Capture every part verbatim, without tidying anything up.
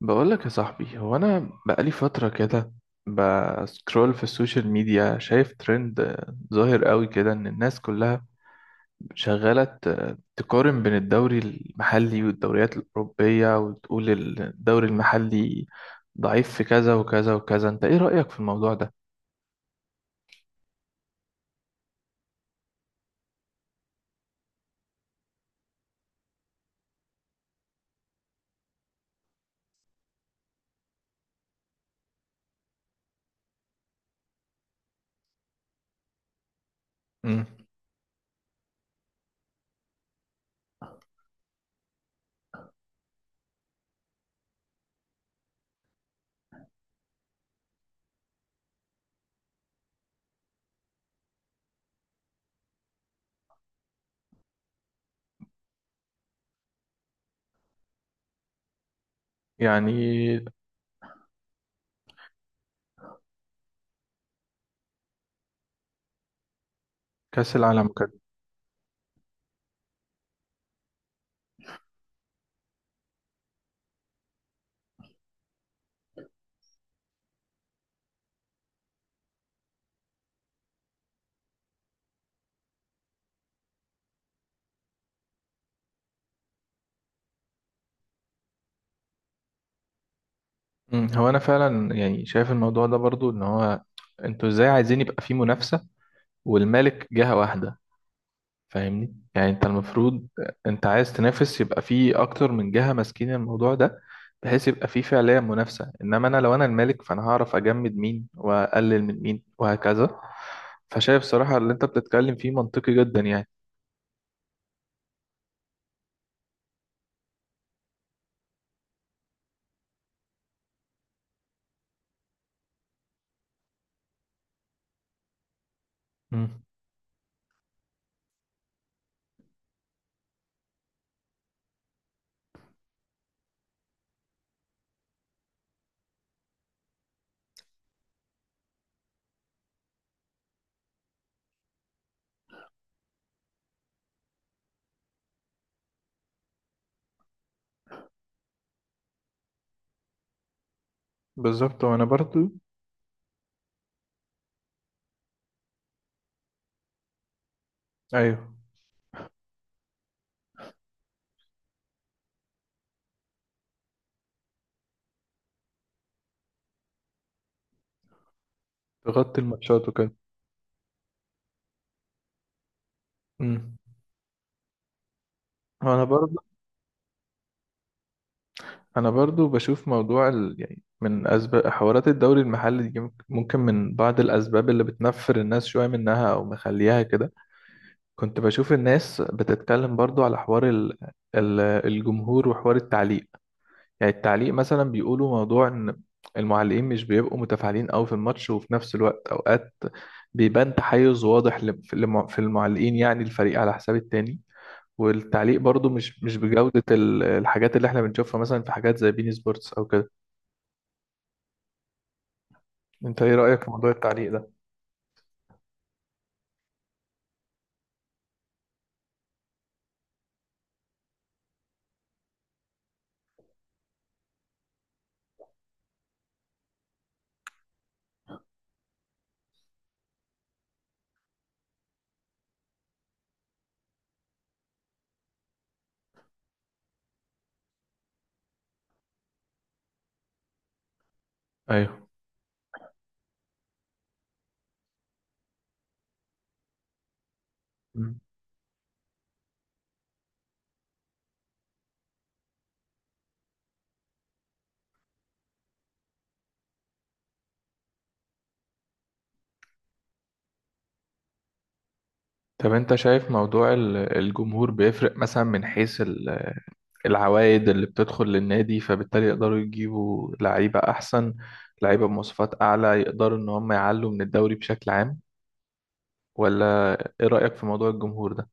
بقولك يا صاحبي، هو أنا بقالي فترة كده بسكرول في السوشيال ميديا شايف ترند آه، ظاهر قوي كده إن الناس كلها شغالة ت- تقارن بين الدوري المحلي والدوريات الأوروبية وتقول الدوري المحلي ضعيف في كذا وكذا وكذا. أنت إيه رأيك في الموضوع ده؟ مم. يعني كأس العالم كده. مم، هو أنا فعلا يعني شايف الموضوع ده برضو إن هو أنتوا إزاي عايزين يبقى فيه منافسة والمالك جهة واحدة؟ فاهمني يعني انت المفروض انت عايز تنافس يبقى في اكتر من جهة ماسكين الموضوع ده، بحيث يبقى في فعليا منافسة، انما انا لو انا المالك فانا هعرف اجمد مين واقلل من مين وهكذا. فشايف صراحة اللي انت بتتكلم فيه منطقي جدا يعني. امم بالظبط. وانا برضو ايوه تغطي الماتشات وكده. امم. وانا برضو انا برضو بشوف موضوع ال... يعني من اسباب حوارات الدوري المحلي دي، ممكن من بعض الاسباب اللي بتنفر الناس شوية منها او مخليها كده. كنت بشوف الناس بتتكلم برضو على حوار ال- ال- الجمهور وحوار التعليق. يعني التعليق مثلا بيقولوا موضوع ان المعلقين مش بيبقوا متفاعلين قوي في الماتش، وفي نفس الوقت اوقات بيبان تحيز واضح لم- في لم- في المعلقين، يعني الفريق على حساب التاني. والتعليق برضو مش مش بجودة ال- الحاجات اللي احنا بنشوفها مثلا في حاجات زي بين سبورتس او كده. انت ايه رأيك في موضوع التعليق ده؟ ايوه. مم. طب انت شايف موضوع ال- الجمهور بيفرق مثلا من حيث ال العوائد اللي بتدخل للنادي، فبالتالي يقدروا يجيبوا لعيبة أحسن، لعيبة بمواصفات أعلى، يقدروا إن هم يعلوا من الدوري بشكل عام؟ ولا إيه رأيك في موضوع الجمهور ده؟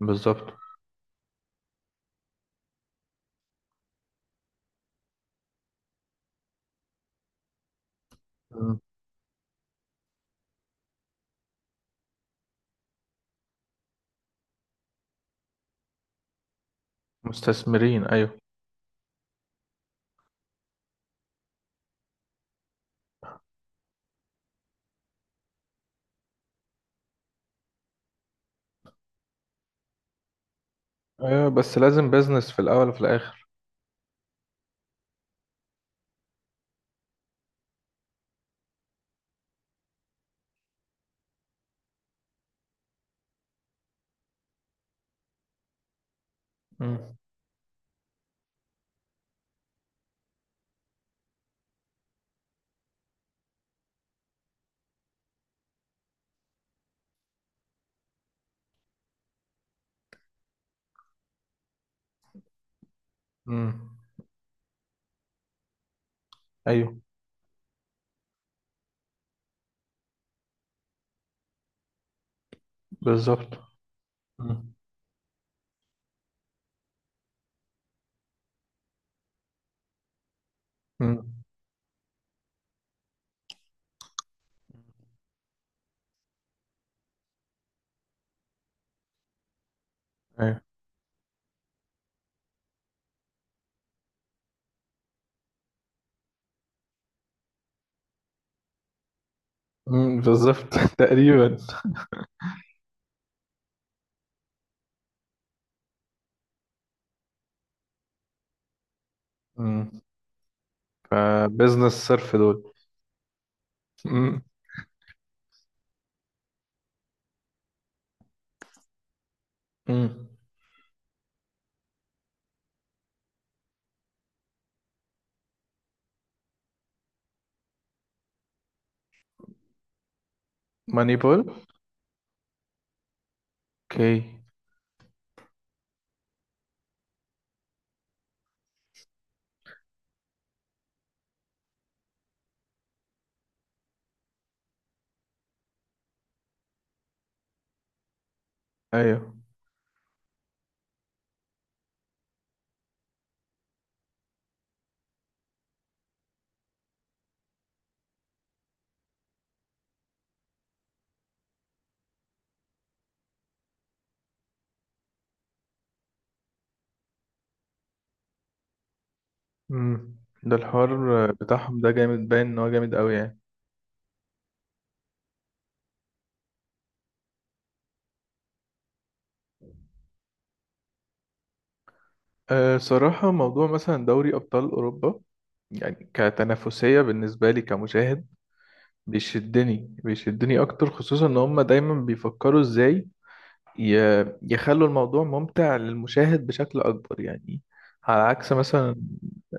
بالظبط. مم. مستثمرين أيوه. أيوه بس لازم بيزنس في الأول وفي الآخر. مم. مم. أيوه بالظبط. مم. مم. أيوه. مم. بالظبط تقريبا. مم. فبيزنس صرف دول. مم. مم. ماني بول. أوكي. أيوه. امم. ده الحوار بتاعهم ده جامد، باين ان هو جامد قوي يعني. أه صراحة موضوع مثلا دوري ابطال اوروبا، يعني كتنافسية بالنسبة لي كمشاهد، بيشدني بيشدني اكتر، خصوصا ان هم دايما بيفكروا ازاي ي- يخلوا الموضوع ممتع للمشاهد بشكل اكبر يعني. على عكس مثلا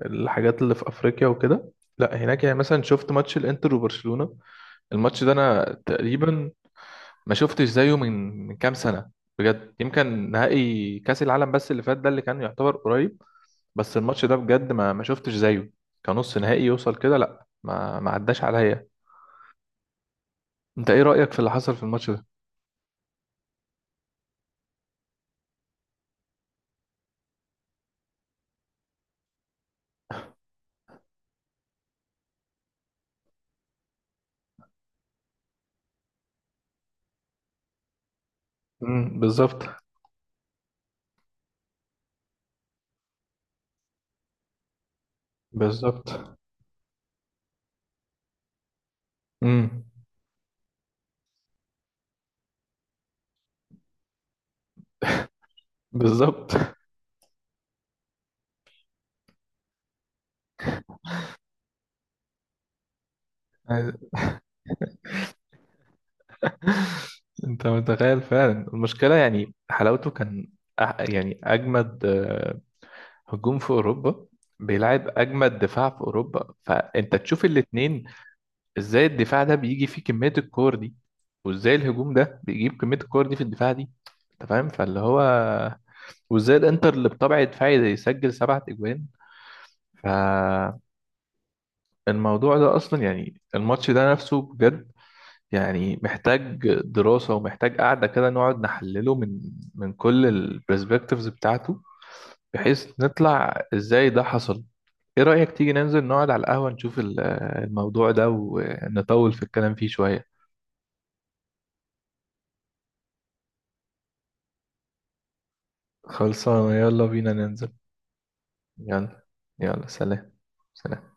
الحاجات اللي في افريقيا وكده. لا هناك يعني مثلا شفت ماتش الانتر وبرشلونة، الماتش ده انا تقريبا ما شفتش زيه من من كام سنة، بجد يمكن نهائي كأس العالم بس اللي فات ده اللي كان يعتبر قريب. بس الماتش ده بجد ما ما شفتش زيه كنص نهائي يوصل كده، لا ما ما عداش عليا. انت ايه رأيك في اللي حصل في الماتش ده؟ امم بالظبط. بالظبط. امم بالظبط انت متخيل فعلا المشكلة، يعني حلاوته كان أح- يعني اجمد آه، هجوم في اوروبا بيلعب اجمد دفاع في اوروبا، فانت تشوف الاتنين، ازاي الدفاع ده بيجي فيه كمية الكور دي، وازاي الهجوم ده بيجيب كمية الكور دي في الدفاع دي. انت فاهم فاللي هو، وازاي الانتر اللي بطبع دفاعي ده يسجل سبعة اجوان. فالموضوع ده اصلا يعني الماتش ده نفسه بجد، يعني محتاج دراسة ومحتاج قعدة كده نقعد نحلله من من كل البرسبكتيفز بتاعته، بحيث نطلع ازاي ده حصل. ايه رأيك تيجي ننزل نقعد على القهوة نشوف ال- الموضوع ده ونطول في الكلام فيه شوية؟ خلصانة يلا بينا ننزل. يلا. يلا سلام. سلام.